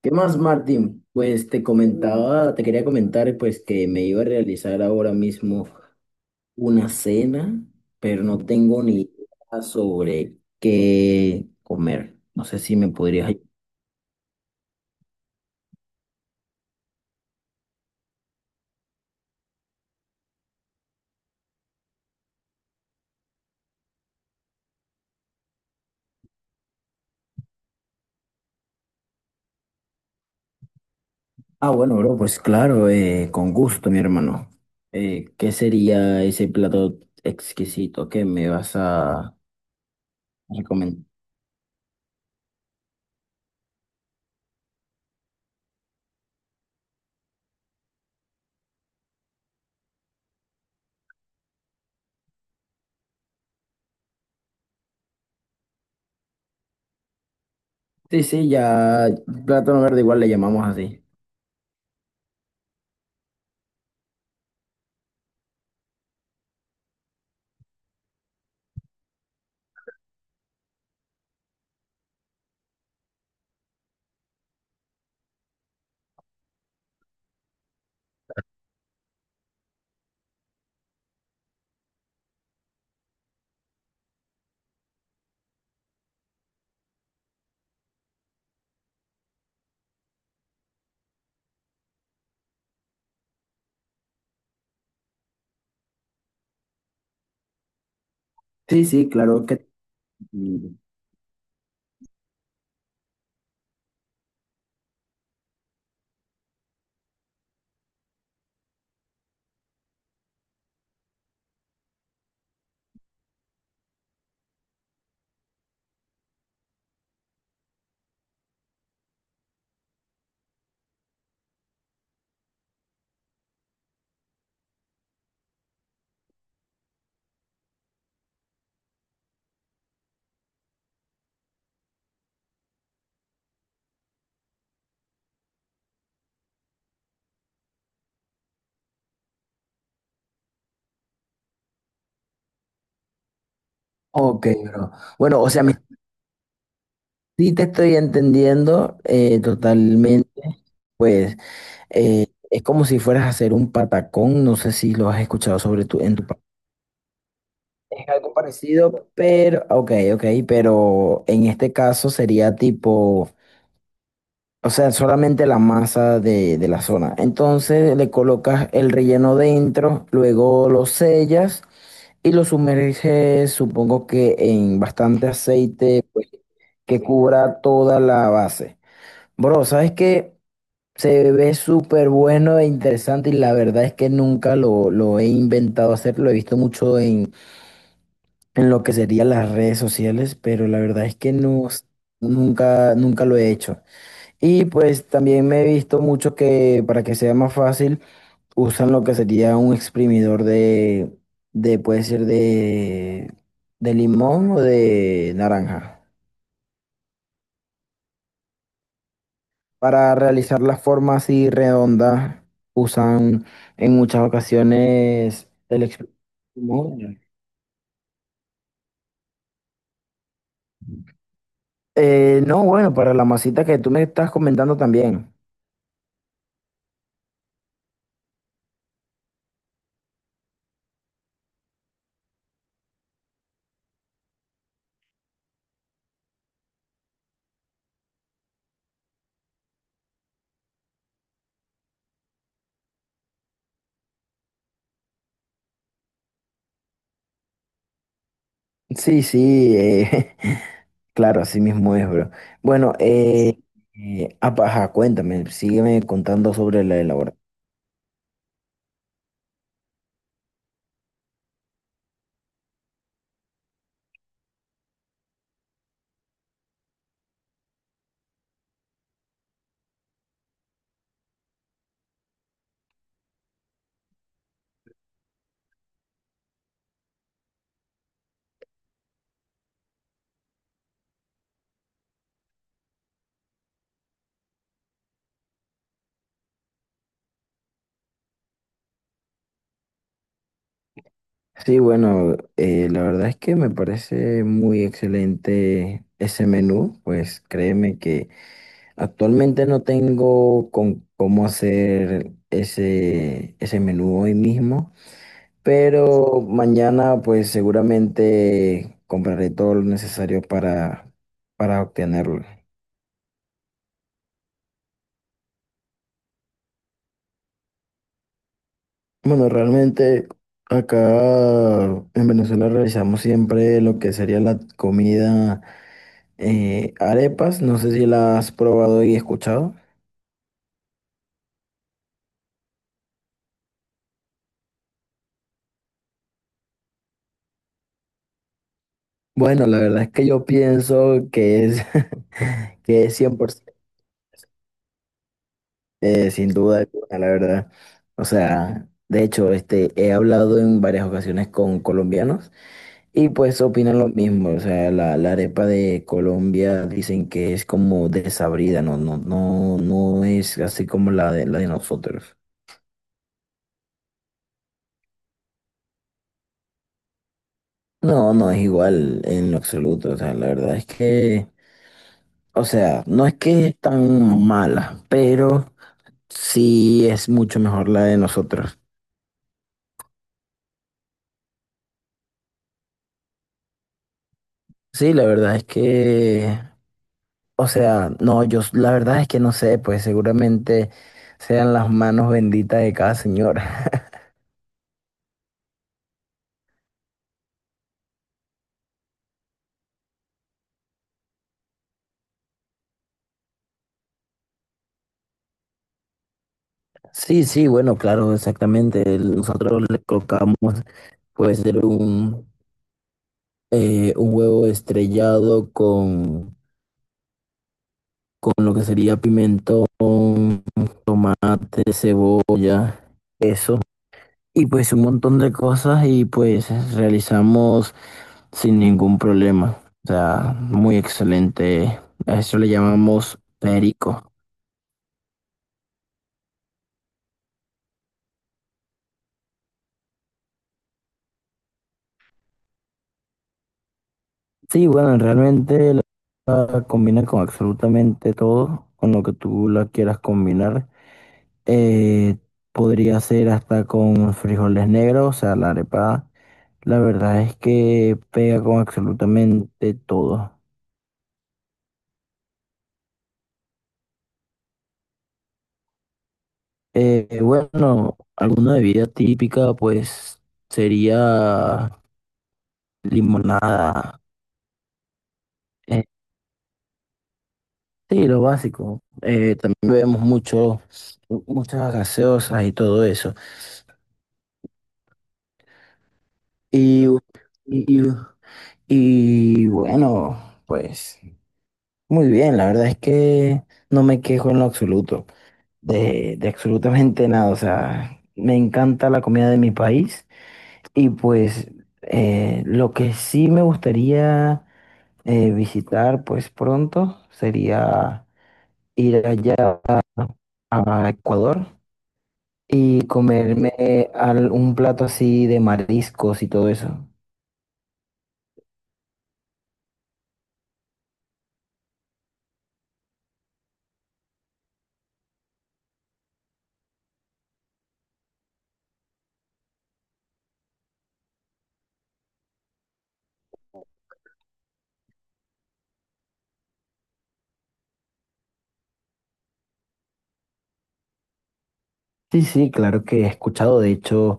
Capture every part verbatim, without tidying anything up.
¿Qué más, Martín? Pues te comentaba, te quería comentar pues que me iba a realizar ahora mismo una cena, pero no tengo ni idea sobre qué comer. No sé si me podrías ayudar. Ah, bueno, bro, pues claro, eh, con gusto, mi hermano. Eh, ¿qué sería ese plato exquisito que me vas a recomendar? Sí, sí, ya, plátano verde igual le llamamos así. Sí, sí, claro que... Ok, bro. Bueno, o sea, me Sí, te estoy entendiendo eh, totalmente. Pues eh, es como si fueras a hacer un patacón. No sé si lo has escuchado sobre tu, en tu país. Es algo parecido, pero, ok, ok, pero en este caso sería tipo, o sea, solamente la masa de, de la zona. Entonces le colocas el relleno dentro, luego lo sellas y lo sumerges, supongo que en bastante aceite, pues, que cubra toda la base. Bro, ¿sabes qué? Se ve súper bueno e interesante y la verdad es que nunca lo, lo he inventado hacer, lo he visto mucho en, en lo que serían las redes sociales, pero la verdad es que no, s- nunca, nunca lo he hecho. Y pues también me he visto mucho que para que sea más fácil usan lo que sería un exprimidor de, de puede ser de, de limón o de naranja. Para realizar las formas así redondas, usan en muchas ocasiones el exp- molde. Eh, no, bueno, para la masita que tú me estás comentando también. Sí, sí, eh, claro, así mismo es, bro. Bueno, eh, eh, apa- ajá, cuéntame, sígueme contando sobre la elaboración. Sí, bueno, eh, la verdad es que me parece muy excelente ese menú, pues créeme que actualmente no tengo con cómo hacer ese, ese menú hoy mismo, pero mañana pues seguramente compraré todo lo necesario para, para obtenerlo. Bueno, realmente acá en Venezuela realizamos siempre lo que sería la comida, eh, arepas. No sé si la has probado y escuchado. Bueno, la verdad es que yo pienso que es, que es cien por ciento. Eh, sin duda alguna, la verdad. O sea, de hecho, este, he hablado en varias ocasiones con colombianos y pues opinan lo mismo. O sea, la, la arepa de Colombia dicen que es como desabrida, no, no, no, no es así como la de, la de nosotros. No, no es igual en lo absoluto. O sea, la verdad es que, o sea, no es que es tan mala, pero sí es mucho mejor la de nosotros. Sí, la verdad es que, o sea, no, yo s- la verdad es que no sé, pues seguramente sean las manos benditas de cada señora. Sí, sí, bueno, claro, exactamente. El- Nosotros le colocamos, puede ser un, eh, un huevo estrellado con, con lo que sería pimentón, tomate, cebolla, eso. Y pues un montón de cosas y pues realizamos sin ningún problema. O sea, muy excelente. A eso le llamamos perico. Sí, bueno, realmente la la combina con absolutamente todo, con lo que tú la quieras combinar. Eh, podría ser hasta con frijoles negros, o sea, la arepa. La verdad es que pega con absolutamente todo. Eh, bueno, alguna bebida típica pues sería limonada. Eh, sí, lo básico. Eh, también vemos mucho, muchas gaseosas y todo eso. Y, y, y- bueno, pues muy bien, la verdad es que no me quejo en lo absoluto, de, de absolutamente nada. O sea, me encanta la comida de mi país y pues eh, lo que sí me gustaría... Eh, visitar, pues pronto sería ir allá a Ecuador y comerme al- un plato así de mariscos y todo eso. Sí, sí, claro que he escuchado. De hecho,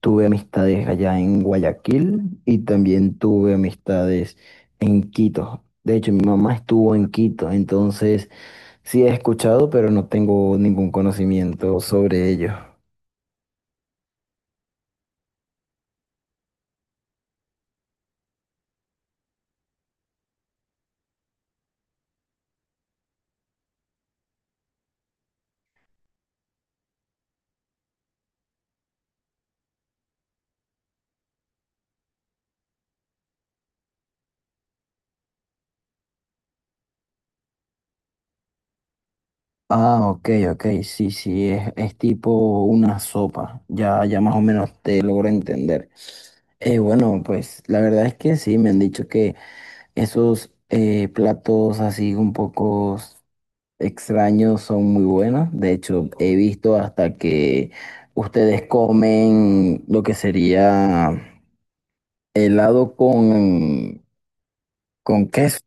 tuve amistades allá en Guayaquil y también tuve amistades en Quito. De hecho, mi mamá estuvo en Quito, entonces sí he escuchado, pero no tengo ningún conocimiento sobre ello. Ah, ok, ok, sí, sí, es, es tipo una sopa, ya, ya más o menos te logro entender. Eh, bueno, pues la verdad es que sí, me han dicho que esos eh, platos así un poco extraños son muy buenos. De hecho, he visto hasta que ustedes comen lo que sería helado con, con queso.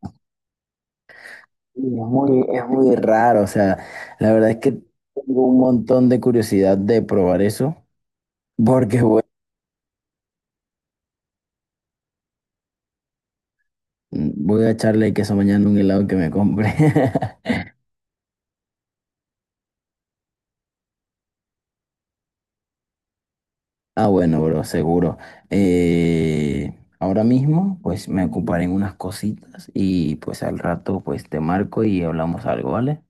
Y Es muy, es muy raro, o sea, la verdad es que tengo un montón de curiosidad de probar eso, porque voy, voy a echarle queso mañana a un helado que me compre. Ah, bueno, bro, seguro. Eh, ahora mismo, pues me ocuparé en unas cositas y pues al rato, pues te marco y hablamos algo, ¿vale?